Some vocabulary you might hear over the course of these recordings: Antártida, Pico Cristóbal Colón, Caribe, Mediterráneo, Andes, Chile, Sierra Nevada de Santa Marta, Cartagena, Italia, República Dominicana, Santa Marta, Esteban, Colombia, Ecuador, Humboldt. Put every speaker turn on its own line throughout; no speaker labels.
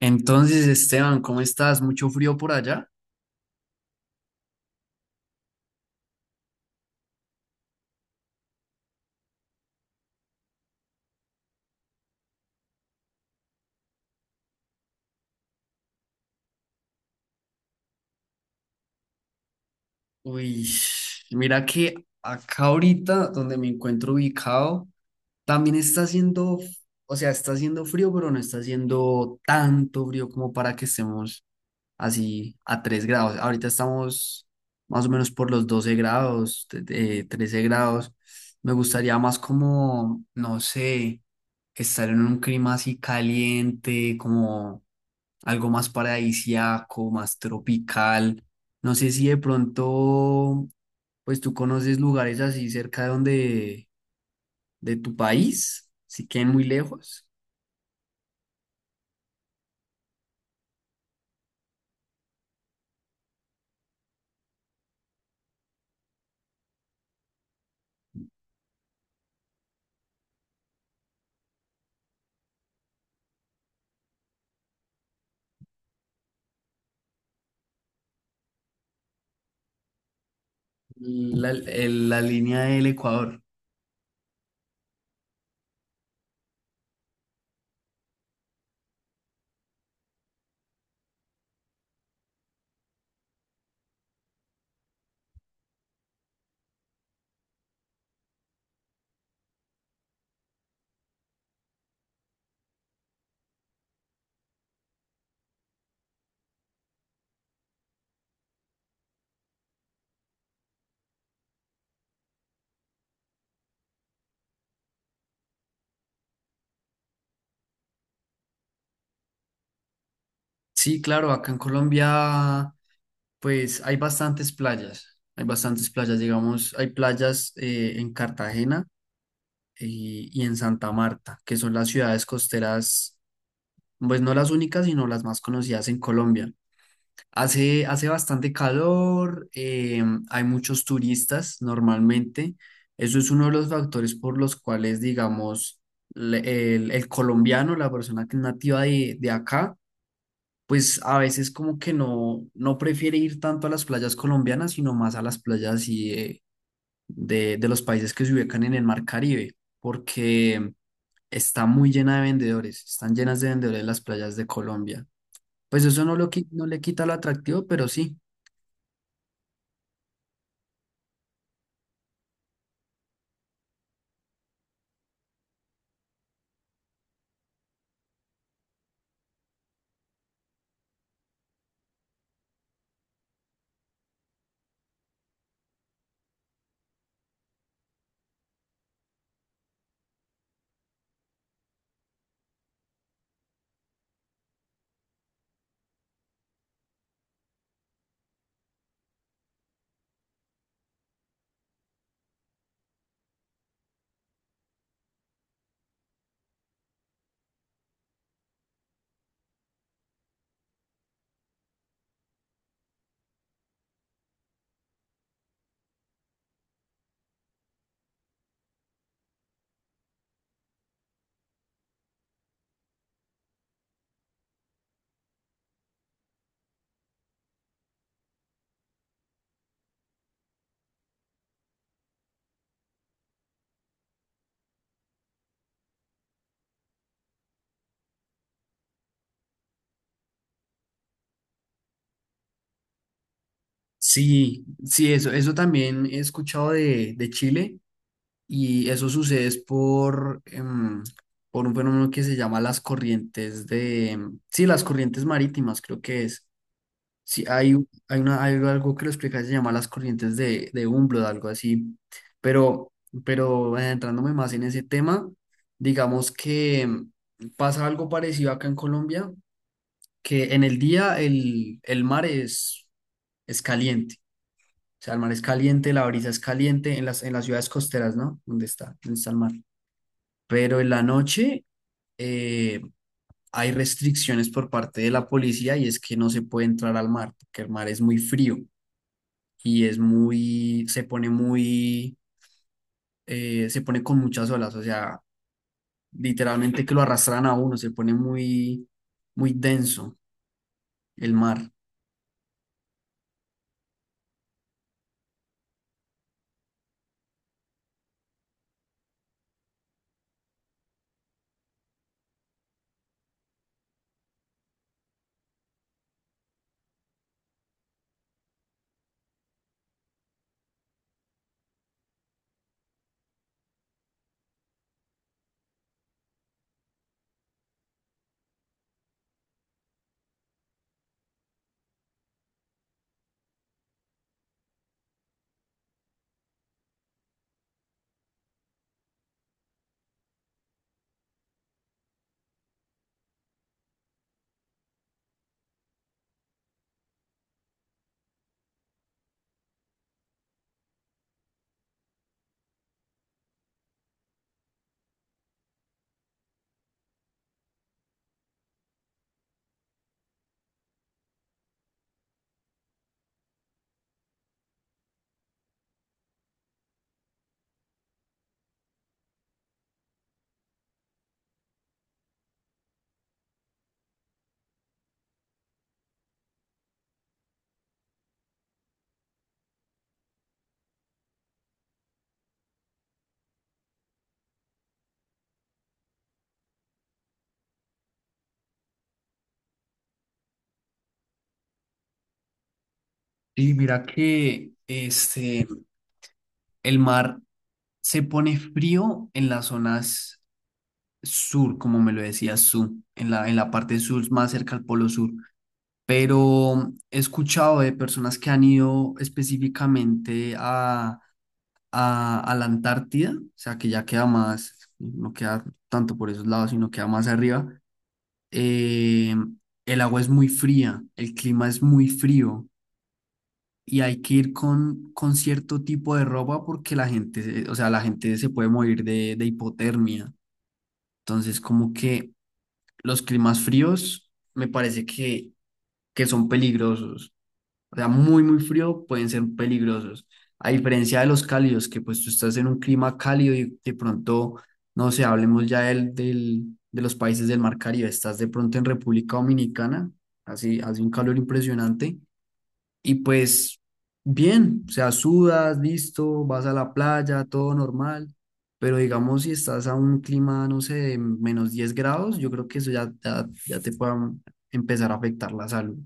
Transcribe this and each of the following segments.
Entonces, Esteban, ¿cómo estás? ¿Mucho frío por allá? Uy, mira que acá ahorita donde me encuentro ubicado, también está haciendo, o sea, está haciendo frío, pero no está haciendo tanto frío como para que estemos así a 3 grados. Ahorita estamos más o menos por los 12 grados, 13 grados. Me gustaría más como, no sé, estar en un clima así caliente, como algo más paradisiaco, más tropical. No sé si de pronto, pues tú conoces lugares así cerca de donde, de tu país, si queden muy lejos, la línea del Ecuador. Sí, claro, acá en Colombia, pues hay bastantes playas, digamos, hay playas en Cartagena y en Santa Marta, que son las ciudades costeras, pues no las únicas, sino las más conocidas en Colombia. Hace bastante calor. Hay muchos turistas normalmente. Eso es uno de los factores por los cuales, digamos, el colombiano, la persona que es nativa de acá, pues a veces como que no prefiere ir tanto a las playas colombianas, sino más a las playas y, de los países que se ubican en el mar Caribe, porque está muy llena de vendedores, están llenas de vendedores las playas de Colombia. Pues eso no, no le quita lo atractivo, pero sí. Sí, sí, eso también he escuchado de Chile y eso sucede es por un fenómeno que se llama las corrientes de, sí, las corrientes marítimas creo que es. Sí, hay, un- hay, una, hay algo que lo explica, se llama las corrientes de Humboldt, algo así. Pero, pero adentrándome más en ese tema, digamos que pasa algo parecido acá en Colombia, que en el día el mar es caliente. O sea, el mar es caliente, la brisa es caliente en las ciudades costeras, ¿no? ¿Dónde está? ¿Dónde está el mar? Pero en la noche eh, hay restricciones por parte de la policía y es que no se puede entrar al mar, porque el mar es muy frío y es muy, se pone con muchas olas, o sea, literalmente que lo arrastran a uno, se pone muy, muy denso el mar. Y mira que este, el mar se pone frío en las zonas sur, como me lo decías en la parte sur, más cerca al Polo Sur. Pero he escuchado de personas que han ido específicamente a la Antártida, o sea, que ya queda más, no queda tanto por esos lados, sino queda más arriba. Eh, el agua es muy fría, el clima es muy frío. Y hay que ir con cierto tipo de ropa porque la gente, o sea, la gente se puede morir de hipotermia. Entonces, como que los climas fríos me parece que son peligrosos. O sea, muy, muy frío pueden ser peligrosos. A diferencia de los cálidos, que pues tú estás en un clima cálido y de pronto, no sé, hablemos ya de los países del Mar Caribe, estás de pronto en República Dominicana, así hace un calor impresionante y pues bien, o sea, sudas, listo, vas a la playa, todo normal, pero digamos si estás a un clima, no sé, de -10 grados, yo creo que eso ya, ya, ya te puede empezar a afectar la salud.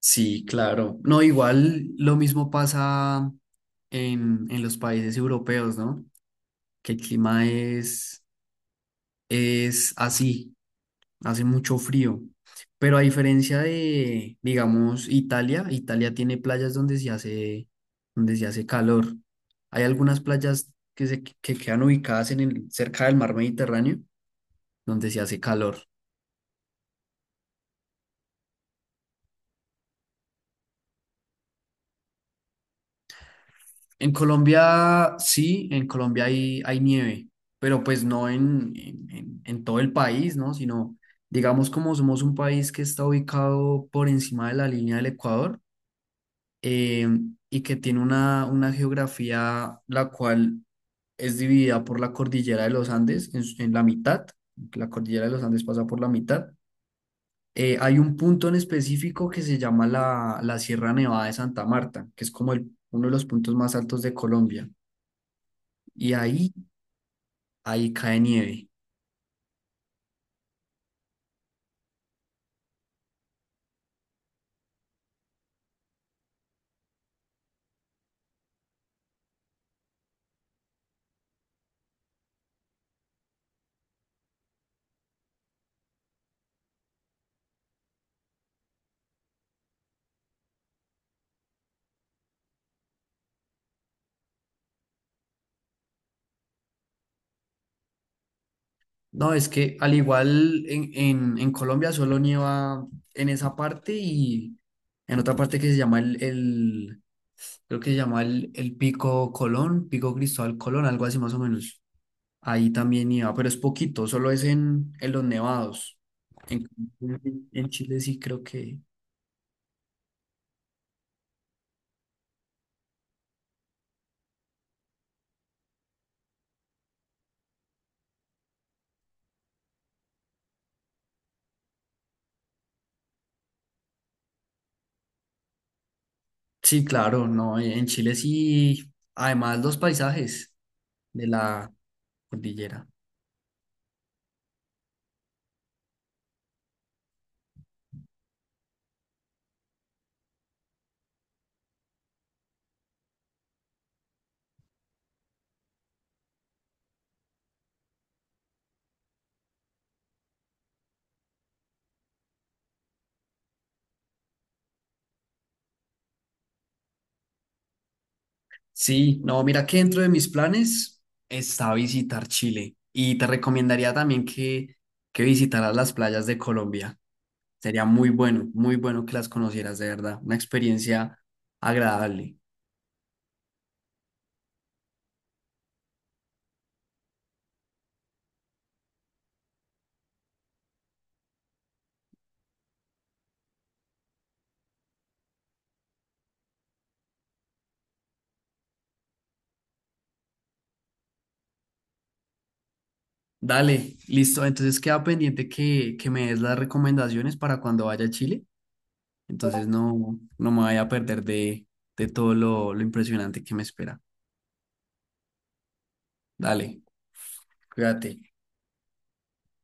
Sí, claro. No, igual lo mismo pasa en los países europeos, ¿no? Que el clima es así. Hace mucho frío. Pero a diferencia de, digamos, Italia tiene playas donde se hace calor. Hay algunas playas que quedan ubicadas cerca del mar Mediterráneo, donde se hace calor. En Colombia, sí, en Colombia hay nieve, pero pues no en todo el país, ¿no? Sino, digamos, como somos un país que está ubicado por encima de la línea del Ecuador, eh, y que tiene una geografía la cual es dividida por la cordillera de los Andes en la mitad, la cordillera de los Andes pasa por la mitad. Hay un punto en específico que se llama la Sierra Nevada de Santa Marta, que es como uno de los puntos más altos de Colombia, y ahí cae nieve. No, es que al igual en Colombia solo nieva en esa parte y en otra parte que se llama el, creo que se llama el Pico Colón, Pico Cristóbal Colón, algo así más o menos. Ahí también iba, pero es poquito, solo es en los nevados. En, en Chile sí creo que... Sí, claro, no, en Chile sí, además los paisajes de la cordillera. Sí, no, mira que dentro de mis planes está visitar Chile y te recomendaría también que visitaras las playas de Colombia. Sería muy bueno, muy bueno que las conocieras de verdad. Una experiencia agradable. Dale, listo. Entonces queda pendiente que me des las recomendaciones para cuando vaya a Chile. Entonces no me vaya a perder de todo lo impresionante que me espera. Dale, cuídate.